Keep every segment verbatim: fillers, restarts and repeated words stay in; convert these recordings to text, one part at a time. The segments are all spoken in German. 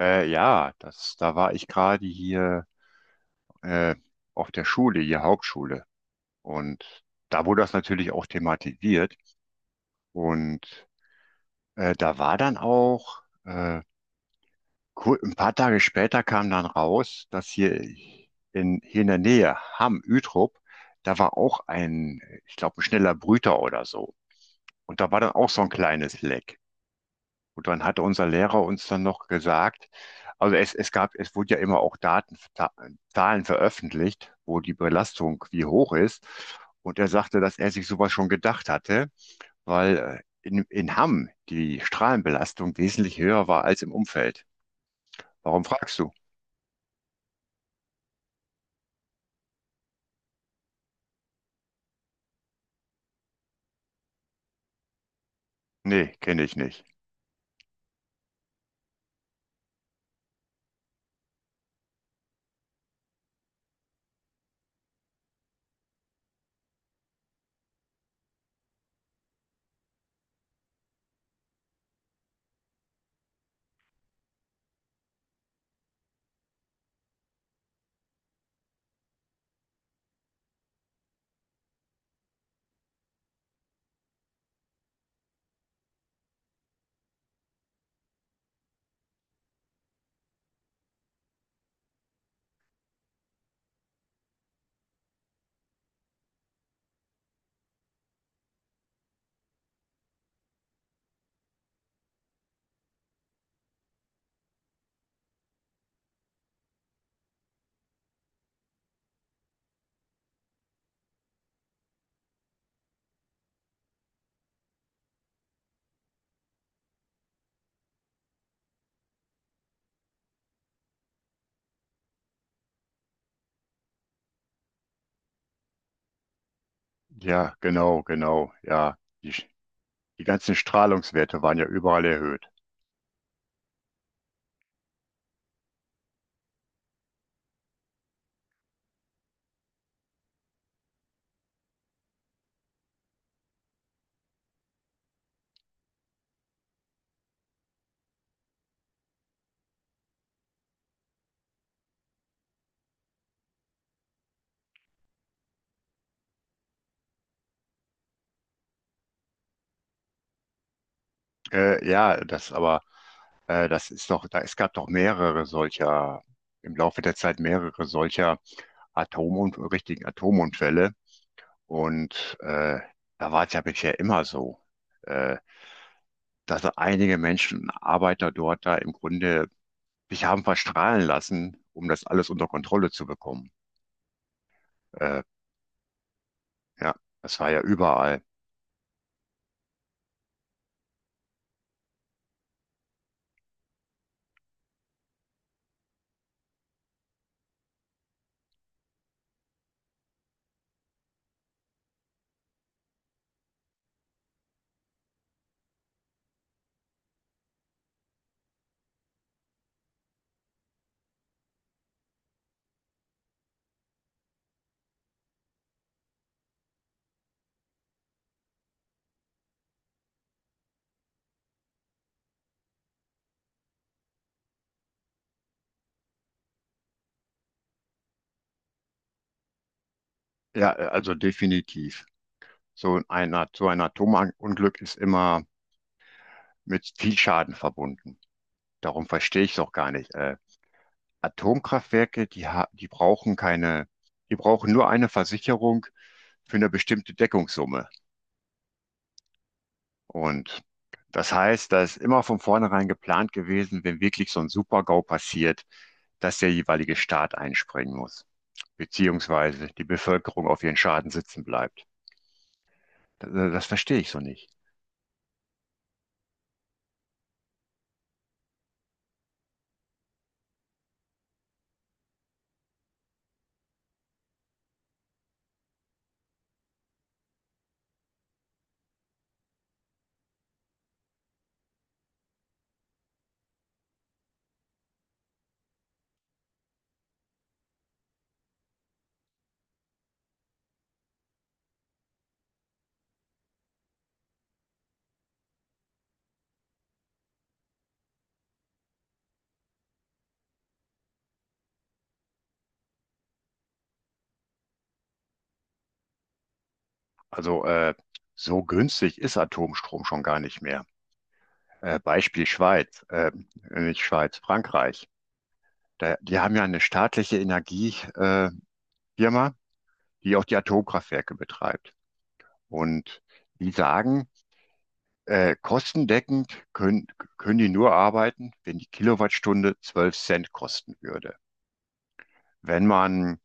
Äh, ja, das, da war ich gerade hier äh, auf der Schule, hier Hauptschule. Und da wurde das natürlich auch thematisiert. Und äh, da war dann auch, äh, kur- ein paar Tage später kam dann raus, dass hier in, hier in der Nähe, Hamm, Utrop, da war auch ein, ich glaube, ein schneller Brüter oder so. Und da war dann auch so ein kleines Leck. Und dann hatte unser Lehrer uns dann noch gesagt, also es, es gab, es wurde ja immer auch Daten, Ta- Zahlen veröffentlicht, wo die Belastung wie hoch ist. Und er sagte, dass er sich sowas schon gedacht hatte, weil äh, in, in Hamm die Strahlenbelastung wesentlich höher war als im Umfeld. Warum fragst du? Nee, kenne ich nicht. Ja, genau, genau, ja. Die, die ganzen Strahlungswerte waren ja überall erhöht. Äh, ja, das aber. Äh, das ist doch, da, es gab doch mehrere solcher, im Laufe der Zeit mehrere solcher Atom richtigen Atomunfälle. Und äh, da war es ja bisher immer so, äh, dass einige Menschen, Arbeiter dort da im Grunde sich haben verstrahlen lassen, um das alles unter Kontrolle zu bekommen. Äh, ja, das war ja überall. Ja, äh, also definitiv. So ein, At- so ein Atomunglück ist immer mit viel Schaden verbunden. Darum verstehe ich es auch gar nicht. Äh, Atomkraftwerke, die, ha- die brauchen keine, die brauchen nur eine Versicherung für eine bestimmte Deckungssumme. Und das heißt, da ist immer von vornherein geplant gewesen, wenn wirklich so ein Super-GAU passiert, dass der jeweilige Staat einspringen muss, beziehungsweise die Bevölkerung auf ihren Schaden sitzen bleibt. Das, das verstehe ich so nicht. Also äh, so günstig ist Atomstrom schon gar nicht mehr. Äh, Beispiel Schweiz, äh, nicht Schweiz, Frankreich. Da, die haben ja eine staatliche Energie, äh, Firma, die auch die Atomkraftwerke betreibt. Und die sagen, äh, kostendeckend können, können die nur arbeiten, wenn die Kilowattstunde zwölf Cent kosten würde. Wenn man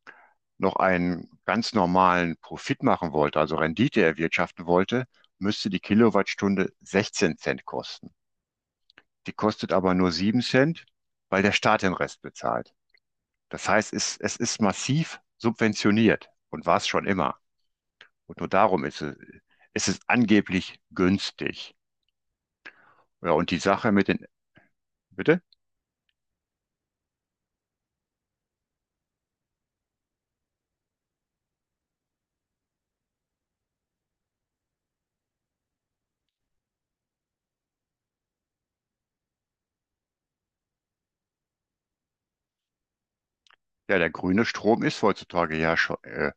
noch einen ganz normalen Profit machen wollte, also Rendite erwirtschaften wollte, müsste die Kilowattstunde sechzehn Cent kosten. Die kostet aber nur sieben Cent, weil der Staat den Rest bezahlt. Das heißt, es, es ist massiv subventioniert und war es schon immer. Und nur darum ist es, ist es angeblich günstig. Ja, und die Sache mit den, bitte? Ja, der grüne Strom ist heutzutage ja schon, äh,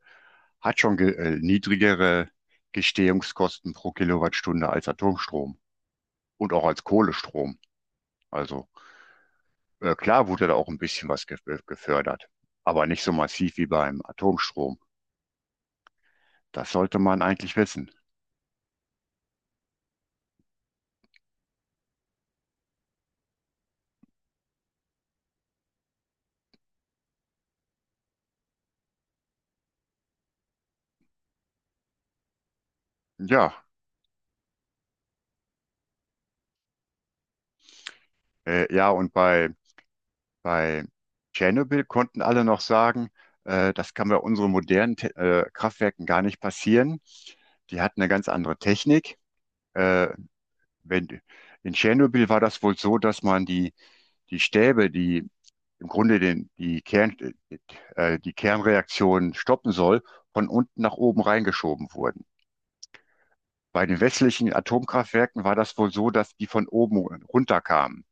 hat schon ge äh, niedrigere Gestehungskosten pro Kilowattstunde als Atomstrom und auch als Kohlestrom. Also äh, klar wurde da auch ein bisschen was ge äh, gefördert, aber nicht so massiv wie beim Atomstrom. Das sollte man eigentlich wissen. Ja, äh, ja, und bei, bei Tschernobyl konnten alle noch sagen, äh, das kann bei unseren modernen Te äh, Kraftwerken gar nicht passieren. Die hatten eine ganz andere Technik. Äh, wenn, In Tschernobyl war das wohl so, dass man die, die Stäbe, die im Grunde den, die Kern, äh, die Kernreaktion stoppen soll, von unten nach oben reingeschoben wurden. Bei den westlichen Atomkraftwerken war das wohl so, dass die von oben runterkamen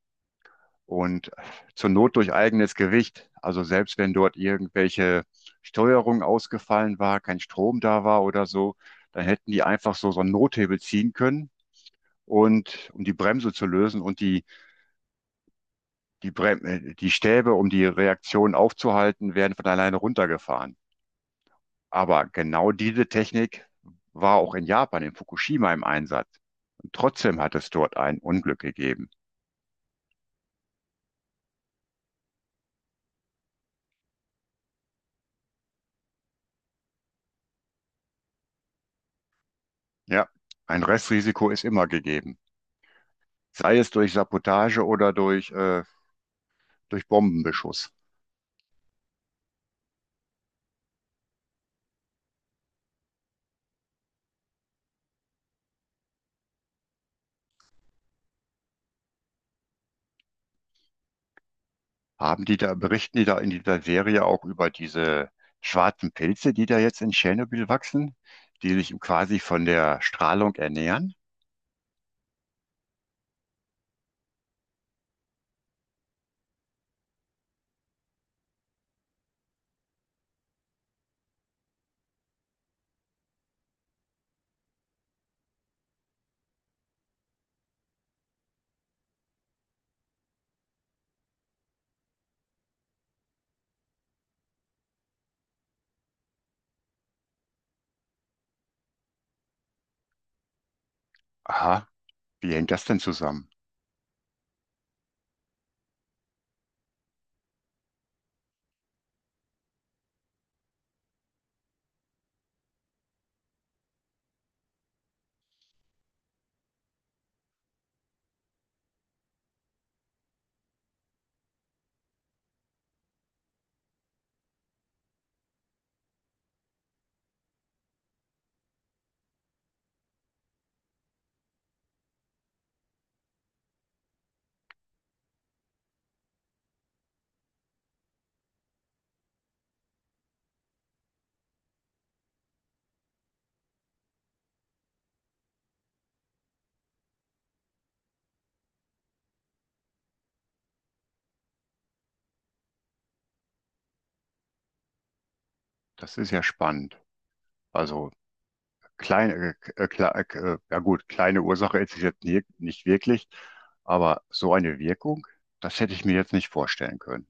und zur Not durch eigenes Gewicht. Also selbst wenn dort irgendwelche Steuerung ausgefallen war, kein Strom da war oder so, dann hätten die einfach so, so einen Nothebel ziehen können und um die Bremse zu lösen und die, die, Brem äh, die Stäbe, um die Reaktion aufzuhalten, werden von alleine runtergefahren. Aber genau diese Technik war auch in Japan, in Fukushima im Einsatz. Und trotzdem hat es dort ein Unglück gegeben. Ja, ein Restrisiko ist immer gegeben. Sei es durch Sabotage oder durch, äh, durch Bombenbeschuss. Haben die da, berichten die da in dieser Serie auch über diese schwarzen Pilze, die da jetzt in Tschernobyl wachsen, die sich quasi von der Strahlung ernähren? Aha, wie hängt das denn zusammen? Das ist ja spannend. Also kleine, äh, kle- äh, ja gut, kleine Ursache ist es jetzt nie- nicht wirklich, aber so eine Wirkung, das hätte ich mir jetzt nicht vorstellen können.